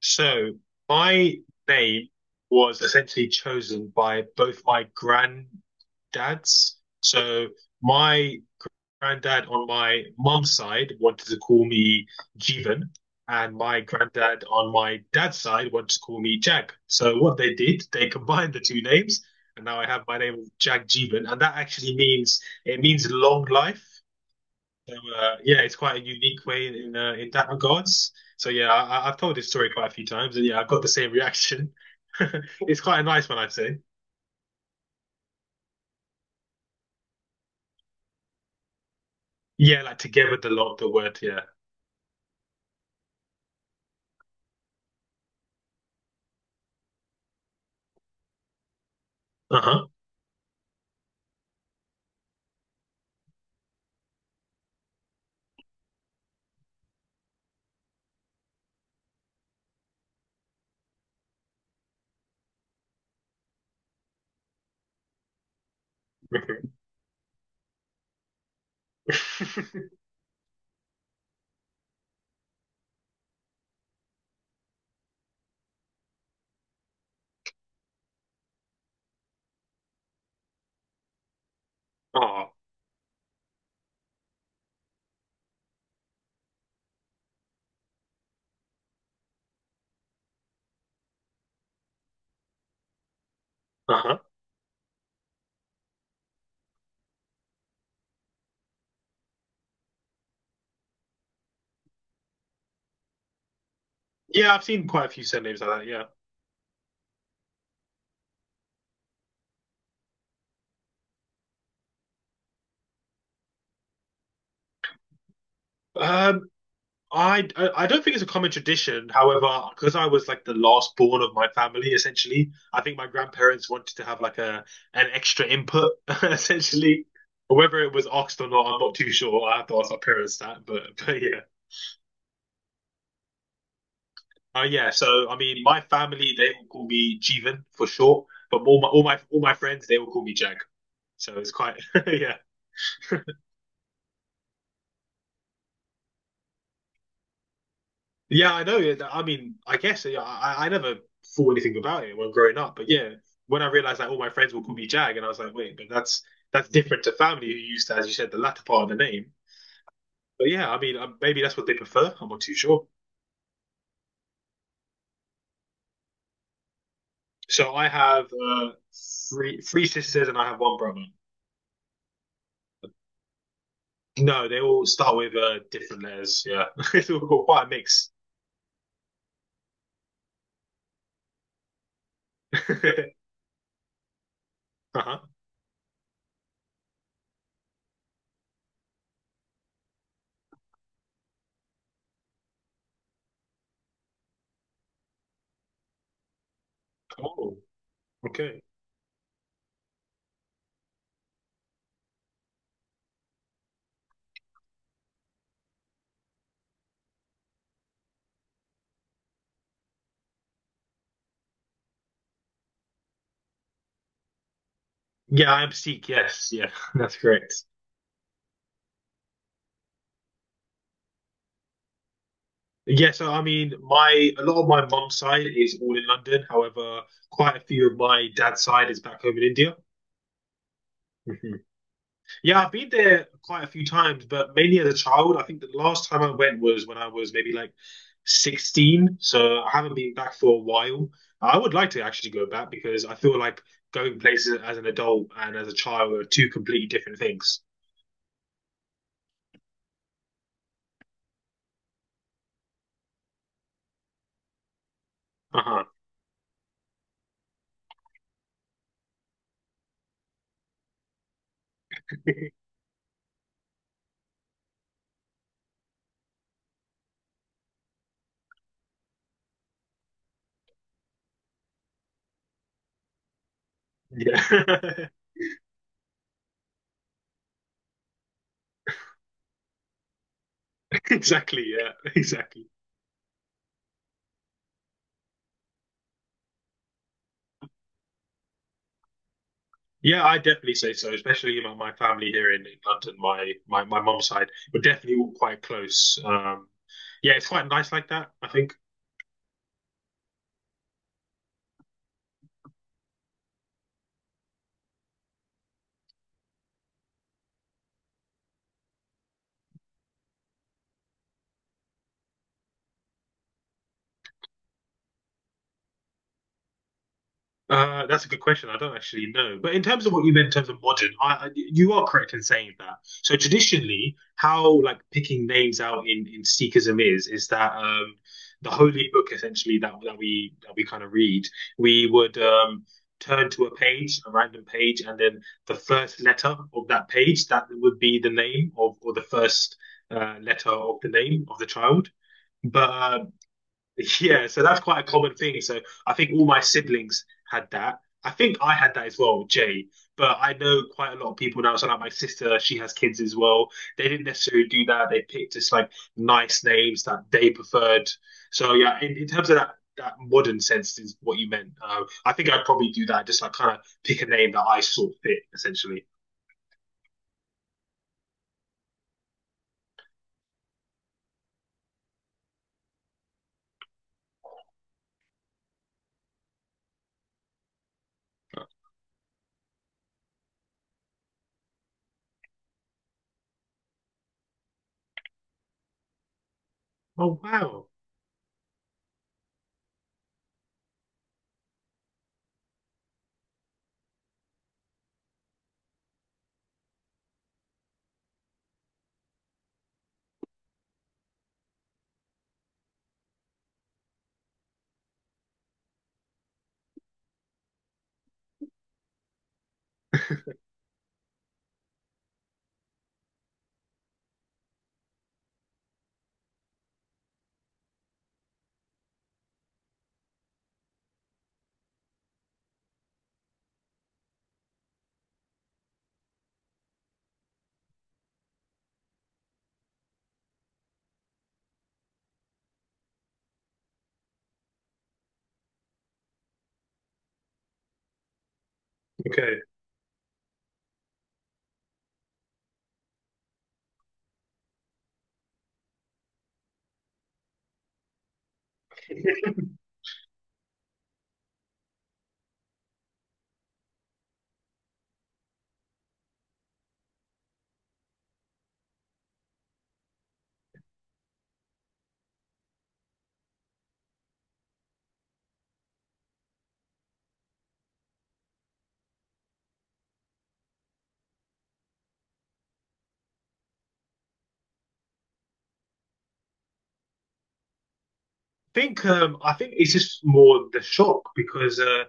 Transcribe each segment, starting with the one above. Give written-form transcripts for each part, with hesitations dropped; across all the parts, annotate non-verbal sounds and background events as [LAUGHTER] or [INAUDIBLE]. So my name was essentially chosen by both my granddads. So my granddad on my mum's side wanted to call me Jeevan, and my granddad on my dad's side wanted to call me Jag. So what they did, they [LAUGHS] combined the two names, and now I have my name of Jag Jeevan, and that actually means it means long life. So yeah, it's quite a unique way in, in that regards. So yeah, I've told this story quite a few times, and yeah, I've got the same reaction. [LAUGHS] It's quite a nice one, I'd say. Yeah, like together the lot, the word. Yeah. Uh-huh. [LAUGHS] Oh, uh-huh. Yeah, I've seen quite a few surnames like that. Yeah. Um, I don't think it's a common tradition. However, because I was like the last born of my family, essentially, I think my grandparents wanted to have like a an extra input, [LAUGHS] essentially. Whether it was asked or not, I'm not too sure. I have to ask my parents that, but [LAUGHS] but yeah, yeah. So I mean, my family they will call me Jeevan for short, but all my friends they will call me Jag. So it's quite [LAUGHS] yeah. Yeah, I know. Yeah, I mean, I guess yeah, I never thought anything about it when growing up, but yeah, when I realized that all my friends will call me Jag, and I was like, wait, but that's different to family who used to, as you said, the latter part of the name. But yeah, I mean, maybe that's what they prefer. I'm not too sure. So I have uh, three sisters and I have one brother. No, they all start with different letters. Yeah, [LAUGHS] it's all quite a mix. [LAUGHS] Uh-huh. Oh, okay. Yeah, I am Sikh. Yes, yeah, [LAUGHS] that's correct. Yes, I mean, my a lot of my mum's side is all in London. However, quite a few of my dad's side is back home in India. Mhm. Yeah, I've been there quite a few times, but mainly as a child. I think the last time I went was when I was maybe like 16, so I haven't been back for a while. I would like to actually go back because I feel like going places as an adult and as a child are two completely different things. Uh-huh. Yeah. [LAUGHS] Exactly, yeah. [LAUGHS] Exactly. Yeah, I definitely say so. Especially, you know, my family here in London, my mum's side, we're definitely all quite close. Yeah, it's quite nice like that. I think that's a good question. I don't actually know. But in terms of what you meant in terms of modern, you are correct in saying that. So traditionally, how like picking names out in Sikhism is that the holy book essentially that we kind of read, we would turn to a page, a random page, and then the first letter of that page that would be the name of or the first letter of the name of the child. But [LAUGHS] Yeah, so that's quite a common thing. So I think all my siblings had that. I think I had that as well, Jay. But I know quite a lot of people now. So like my sister, she has kids as well. They didn't necessarily do that. They picked just like nice names that they preferred. So yeah, in terms of that modern sense is what you meant. I think I'd probably do that, just like kind of pick a name that I saw fit, essentially. Oh wow. Okay. [LAUGHS] think I think it's just more the shock because uh,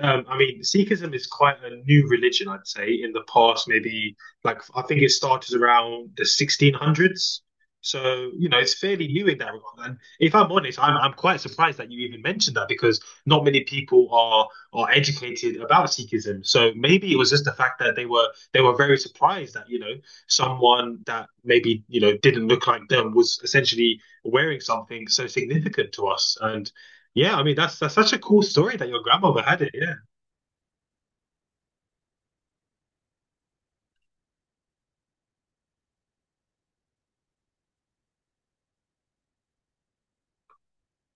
um, I mean Sikhism is quite a new religion, I'd say. In the past, maybe like I think it started around the 1600s, so you know it's fairly new in that regard. And if I'm honest, I'm quite surprised that you even mentioned that because not many people are educated about Sikhism. So maybe it was just the fact that they were very surprised that you know someone that maybe you know didn't look like them was essentially wearing something so significant to us. And yeah, I mean that's such a cool story that your grandmother had it. Yeah.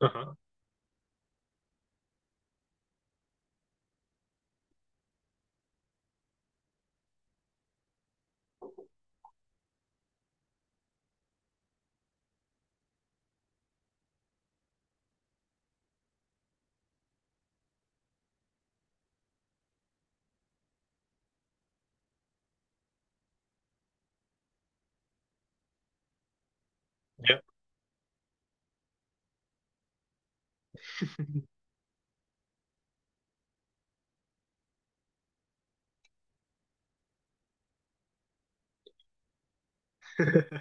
Uh-huh. Yeah. [LAUGHS]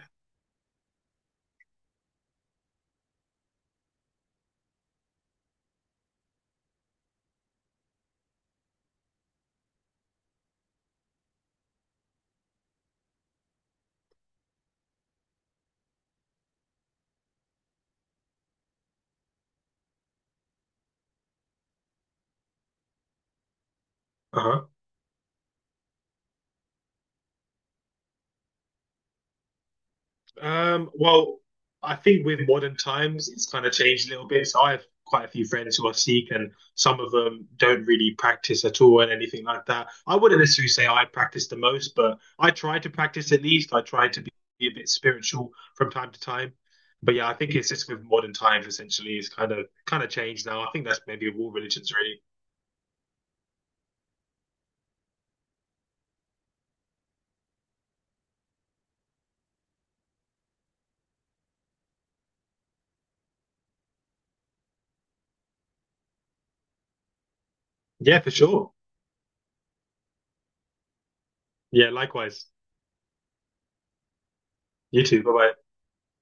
uh-huh. Well, I think with modern times, it's kind of changed a little bit. So I have quite a few friends who are Sikh, and some of them don't really practice at all and anything like that. I wouldn't necessarily say I practice the most, but I try to practice at least. I try to be a bit spiritual from time to time. But yeah, I think it's just with modern times essentially it's kind of changed now. I think that's maybe of all religions really. Yeah, for sure. Yeah, likewise. You too. Bye bye.